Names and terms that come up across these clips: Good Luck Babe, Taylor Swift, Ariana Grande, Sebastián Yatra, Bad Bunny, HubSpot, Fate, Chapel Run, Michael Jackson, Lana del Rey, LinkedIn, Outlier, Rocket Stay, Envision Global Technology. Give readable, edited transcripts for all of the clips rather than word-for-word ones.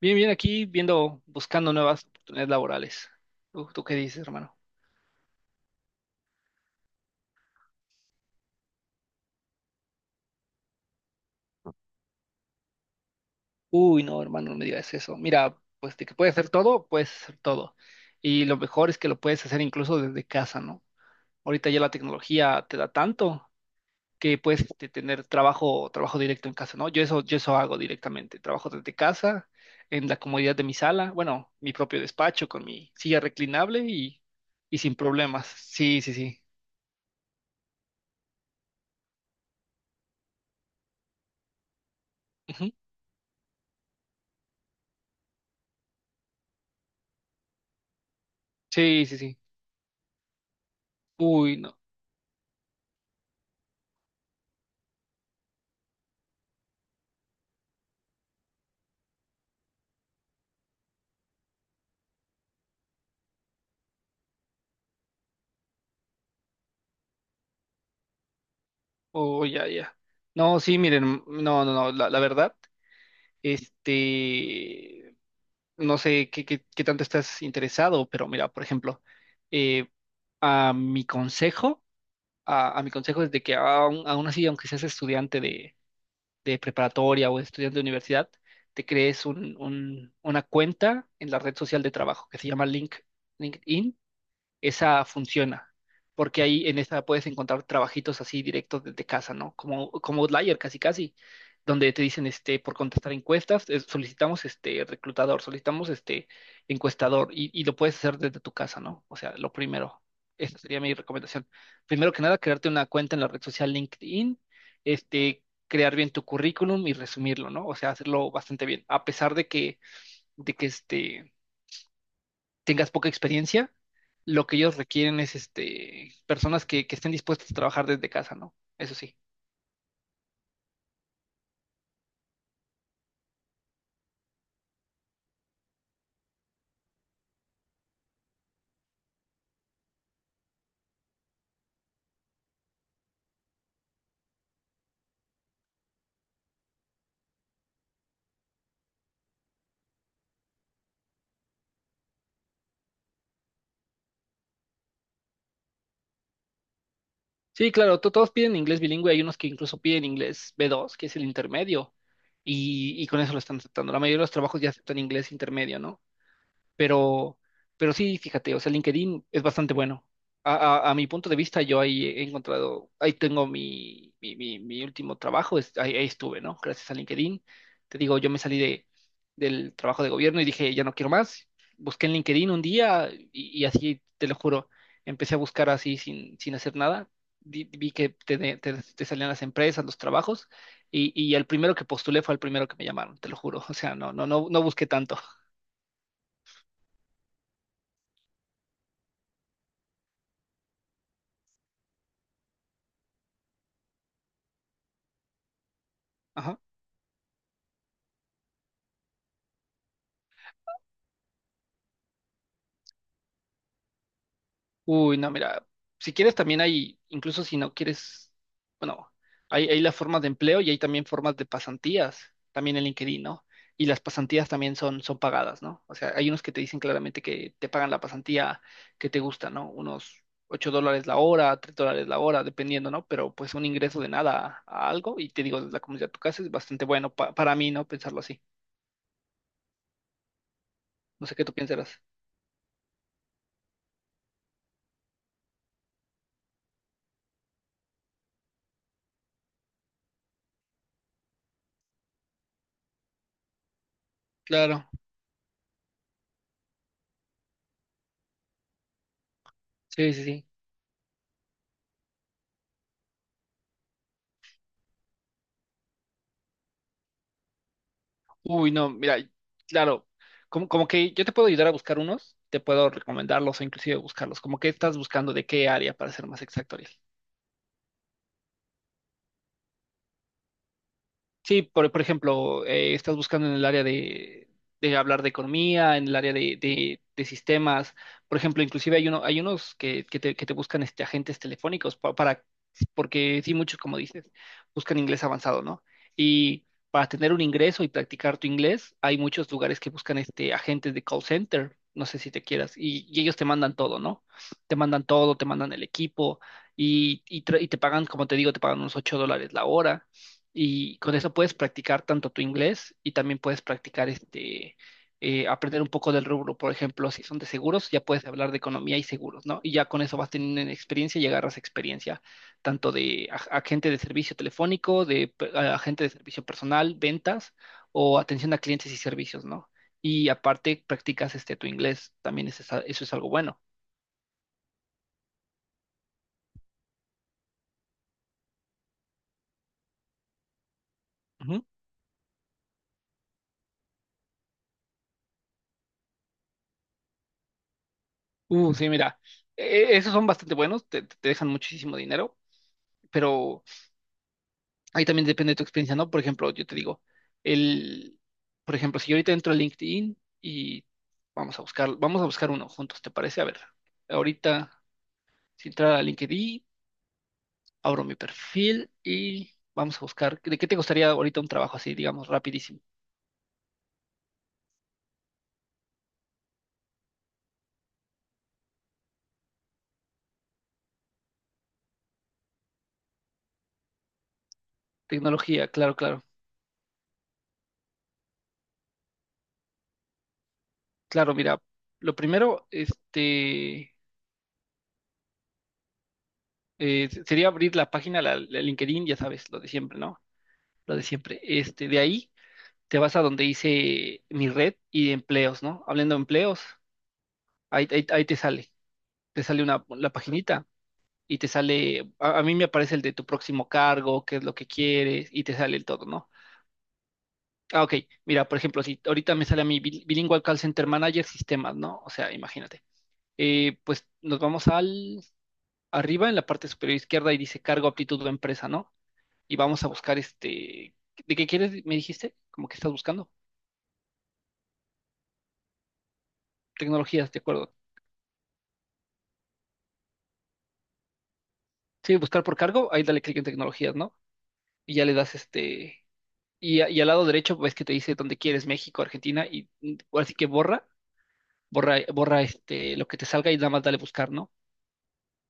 Bien, bien, aquí viendo, buscando nuevas oportunidades laborales. ¿Tú qué dices, hermano? Uy, no, hermano, no me digas eso. Mira, pues de que puedes hacer todo, puedes hacer todo. Y lo mejor es que lo puedes hacer incluso desde casa, ¿no? Ahorita ya la tecnología te da tanto que puedes tener trabajo directo en casa, ¿no? Yo eso hago directamente. Trabajo desde casa, en la comodidad de mi sala, bueno, mi propio despacho con mi silla reclinable y sin problemas. Sí, sí, sí. Ujú. Sí, sí, sí. Uy, no. Oh, ya, ya. No, sí, miren, no, no, no, la verdad, este, no sé qué tanto estás interesado, pero mira, por ejemplo, eh, a mi consejo, a mi consejo es de que aún así, aunque seas estudiante de preparatoria o estudiante de universidad, te crees una cuenta en la red social de trabajo que se llama LinkedIn esa funciona, porque ahí en esa puedes encontrar trabajitos así directos desde casa, ¿no? Como Outlier, casi casi, donde te dicen, por contestar encuestas, solicitamos, reclutador, solicitamos, encuestador, y lo puedes hacer desde tu casa, ¿no? O sea, lo primero, esa sería mi recomendación. Primero que nada, crearte una cuenta en la red social LinkedIn, este, crear bien tu currículum y resumirlo, ¿no? O sea, hacerlo bastante bien, a pesar de que, tengas poca experiencia, lo que ellos requieren es personas que estén dispuestas a trabajar desde casa, ¿no? Eso sí. Sí, claro, todos piden inglés bilingüe, hay unos que incluso piden inglés B2 que es el intermedio, y con eso lo están aceptando. La mayoría de los trabajos ya aceptan inglés intermedio, ¿no? Pero, pero sí, fíjate, o sea, LinkedIn es bastante bueno. A, a mi punto de vista, yo ahí he encontrado, ahí tengo mi último trabajo, ahí estuve, ¿no? Gracias a LinkedIn. Te digo, yo me salí del trabajo de gobierno y dije, ya no quiero más. Busqué en LinkedIn un día y así, te lo juro, empecé a buscar así sin hacer nada. Vi que te salían las empresas, los trabajos, y el primero que postulé fue el primero que me llamaron, te lo juro. O sea, no busqué tanto. Ajá. Uy, no, mira, si quieres también hay, incluso si no quieres, bueno, hay las formas de empleo y hay también formas de pasantías, también en LinkedIn, ¿no? Y las pasantías también son pagadas, ¿no? O sea, hay unos que te dicen claramente que te pagan la pasantía que te gusta, ¿no? Unos 8 dólares la hora, 3 dólares la hora, dependiendo, ¿no? Pero pues un ingreso de nada a algo y te digo, la comunidad de tu casa es bastante bueno para mí, ¿no? Pensarlo así. No sé qué tú piensas. Claro, sí, sí, sí. Uy, no, mira, claro, como que yo te puedo ayudar a buscar unos, te puedo recomendarlos o inclusive buscarlos, como que estás buscando de qué área para ser más exacto, Ariel. Sí, por ejemplo, estás buscando en el área de hablar de economía, en el área de sistemas. Por ejemplo, inclusive hay unos que te buscan agentes telefónicos porque sí, muchos, como dices, buscan inglés avanzado, ¿no? Y para tener un ingreso y practicar tu inglés, hay muchos lugares que buscan agentes de call center, no sé si te quieras, y ellos te mandan todo, ¿no? Te mandan todo, te mandan el equipo y te pagan, como te digo, te pagan unos 8 dólares la hora y con eso puedes practicar tanto tu inglés y también puedes practicar aprender un poco del rubro. Por ejemplo, si son de seguros, ya puedes hablar de economía y seguros, ¿no? Y ya con eso vas teniendo experiencia y agarras experiencia tanto de agente de servicio telefónico, de agente de servicio personal, ventas o atención a clientes y servicios, ¿no? Y aparte practicas tu inglés, también eso es algo bueno. Ujú. Sí, mira, esos son bastante buenos, te dejan muchísimo dinero, pero, ahí también depende de tu experiencia, ¿no? Por ejemplo, yo te digo, el, por ejemplo, si yo ahorita entro a LinkedIn y vamos a buscar uno juntos, ¿te parece? A ver, ahorita, si entrar a LinkedIn, abro mi perfil y vamos a buscar, ¿de qué te gustaría ahorita un trabajo así, digamos, rapidísimo? Tecnología, claro, claro. Claro, mira, lo primero, sería abrir la página, la LinkedIn, ya sabes, lo de siempre, ¿no? Lo de siempre. De ahí te vas a donde hice mi red y empleos, ¿no? Hablando de empleos, ahí te sale, una, la paginita y te sale, a mí me aparece el de tu próximo cargo, qué es lo que quieres y te sale el todo, ¿no? Ah, ok, mira, por ejemplo, si ahorita me sale a mi Bilingual Call Center Manager Sistemas, ¿no? O sea, imagínate. Pues nos vamos al arriba en la parte superior izquierda y dice cargo, aptitud o empresa, ¿no? Y vamos a buscar ¿de qué quieres? Me dijiste, como que estás buscando tecnologías, ¿de acuerdo? Sí, buscar por cargo, ahí dale clic en tecnologías, ¿no? Y ya le das y al lado derecho ves que te dice dónde quieres, México, Argentina, y ahora sí que borra, borra, borra lo que te salga y nada más dale buscar, ¿no?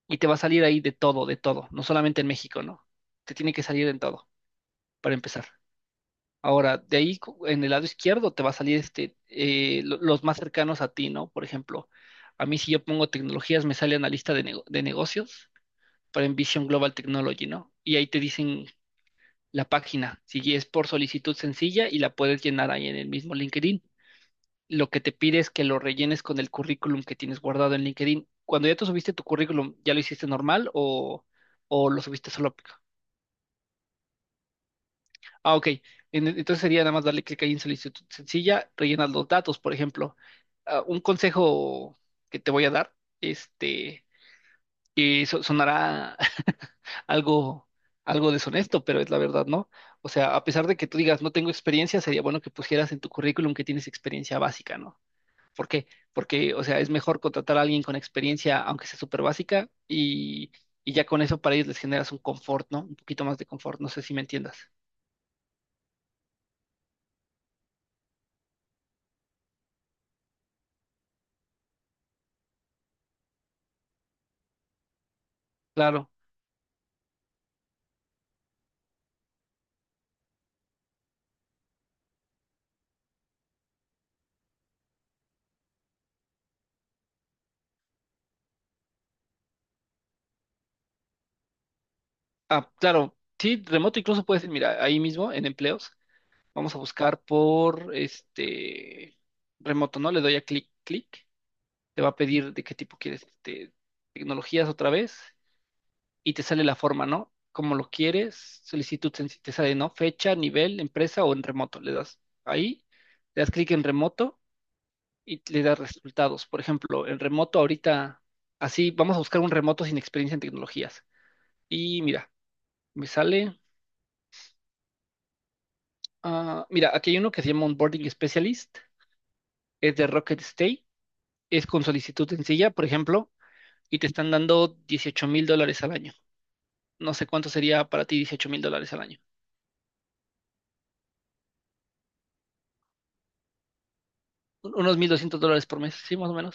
Y te va a salir ahí de todo, no solamente en México, ¿no? Te tiene que salir en todo, para empezar. Ahora, de ahí en el lado izquierdo te va a salir los más cercanos a ti, ¿no? Por ejemplo, a mí si yo pongo tecnologías, me sale analista de negocios para Envision Global Technology, ¿no? Y ahí te dicen la página. Si es por solicitud sencilla y la puedes llenar ahí en el mismo LinkedIn. Lo que te pide es que lo rellenes con el currículum que tienes guardado en LinkedIn. Cuando ya te subiste tu currículum, ¿ya lo hiciste normal o lo subiste solo? Ah, ok. Entonces sería nada más darle clic ahí en solicitud sencilla, rellenas los datos, por ejemplo. Ah, un consejo que te voy a dar, este, que sonará algo, algo deshonesto, pero es la verdad, ¿no? O sea, a pesar de que tú digas, no tengo experiencia, sería bueno que pusieras en tu currículum que tienes experiencia básica, ¿no? ¿Por qué? Porque, o sea, es mejor contratar a alguien con experiencia, aunque sea súper básica, y ya con eso para ellos les generas un confort, ¿no? Un poquito más de confort, no sé si me entiendas. Claro. Ah, claro. Sí, remoto incluso puedes, mira, ahí mismo en empleos, vamos a buscar por este remoto, ¿no? Le doy a clic, clic. Te va a pedir de qué tipo quieres tecnologías otra vez y te sale la forma, ¿no? Como lo quieres, solicitud, te sale, ¿no? Fecha, nivel, empresa o en remoto. Le das ahí, le das clic en remoto y le das resultados. Por ejemplo, en remoto ahorita, así, vamos a buscar un remoto sin experiencia en tecnologías. Y mira, me sale, ah, mira, aquí hay uno que se llama Onboarding Specialist, es de Rocket Stay, es con solicitud sencilla, por ejemplo, y te están dando 18 mil dólares al año. No sé cuánto sería para ti 18.000 dólares al año. Unos 1.200 dólares por mes, sí, más o menos.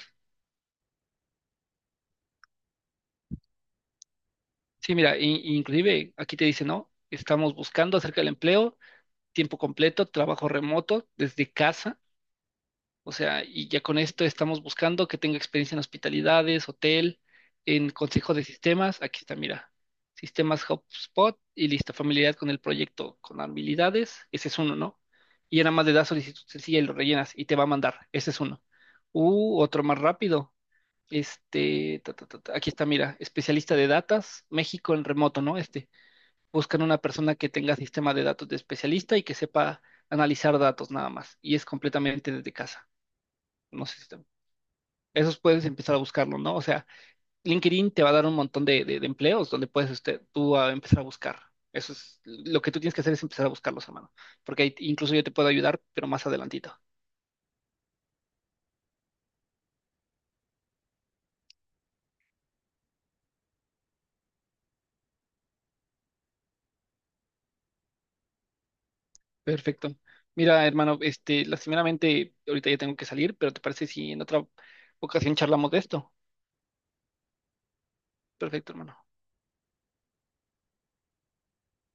Sí, mira, inclusive aquí te dice, ¿no? Estamos buscando acerca del empleo, tiempo completo, trabajo remoto, desde casa. O sea, y ya con esto estamos buscando que tenga experiencia en hospitalidades, hotel, en consejo de sistemas. Aquí está, mira, sistemas HubSpot y listo, familiaridad con el proyecto, con habilidades. Ese es uno, ¿no? Y ya nada más le das solicitud sencilla y lo rellenas y te va a mandar. Ese es uno. Otro más rápido. Aquí está, mira, especialista de datas, México en remoto, ¿no? Buscan una persona que tenga sistema de datos de especialista y que sepa analizar datos nada más, y es completamente desde casa. No sé si esos puedes empezar a buscarlo, ¿no? O sea, LinkedIn te va a dar un montón de empleos donde puedes usted, tú a empezar a buscar. Eso es lo que tú tienes que hacer es empezar a buscarlos, hermano, porque ahí incluso yo te puedo ayudar, pero más adelantito. Perfecto. Mira, hermano, lastimeramente, ahorita ya tengo que salir, pero ¿te parece si en otra ocasión charlamos de esto? Perfecto, hermano.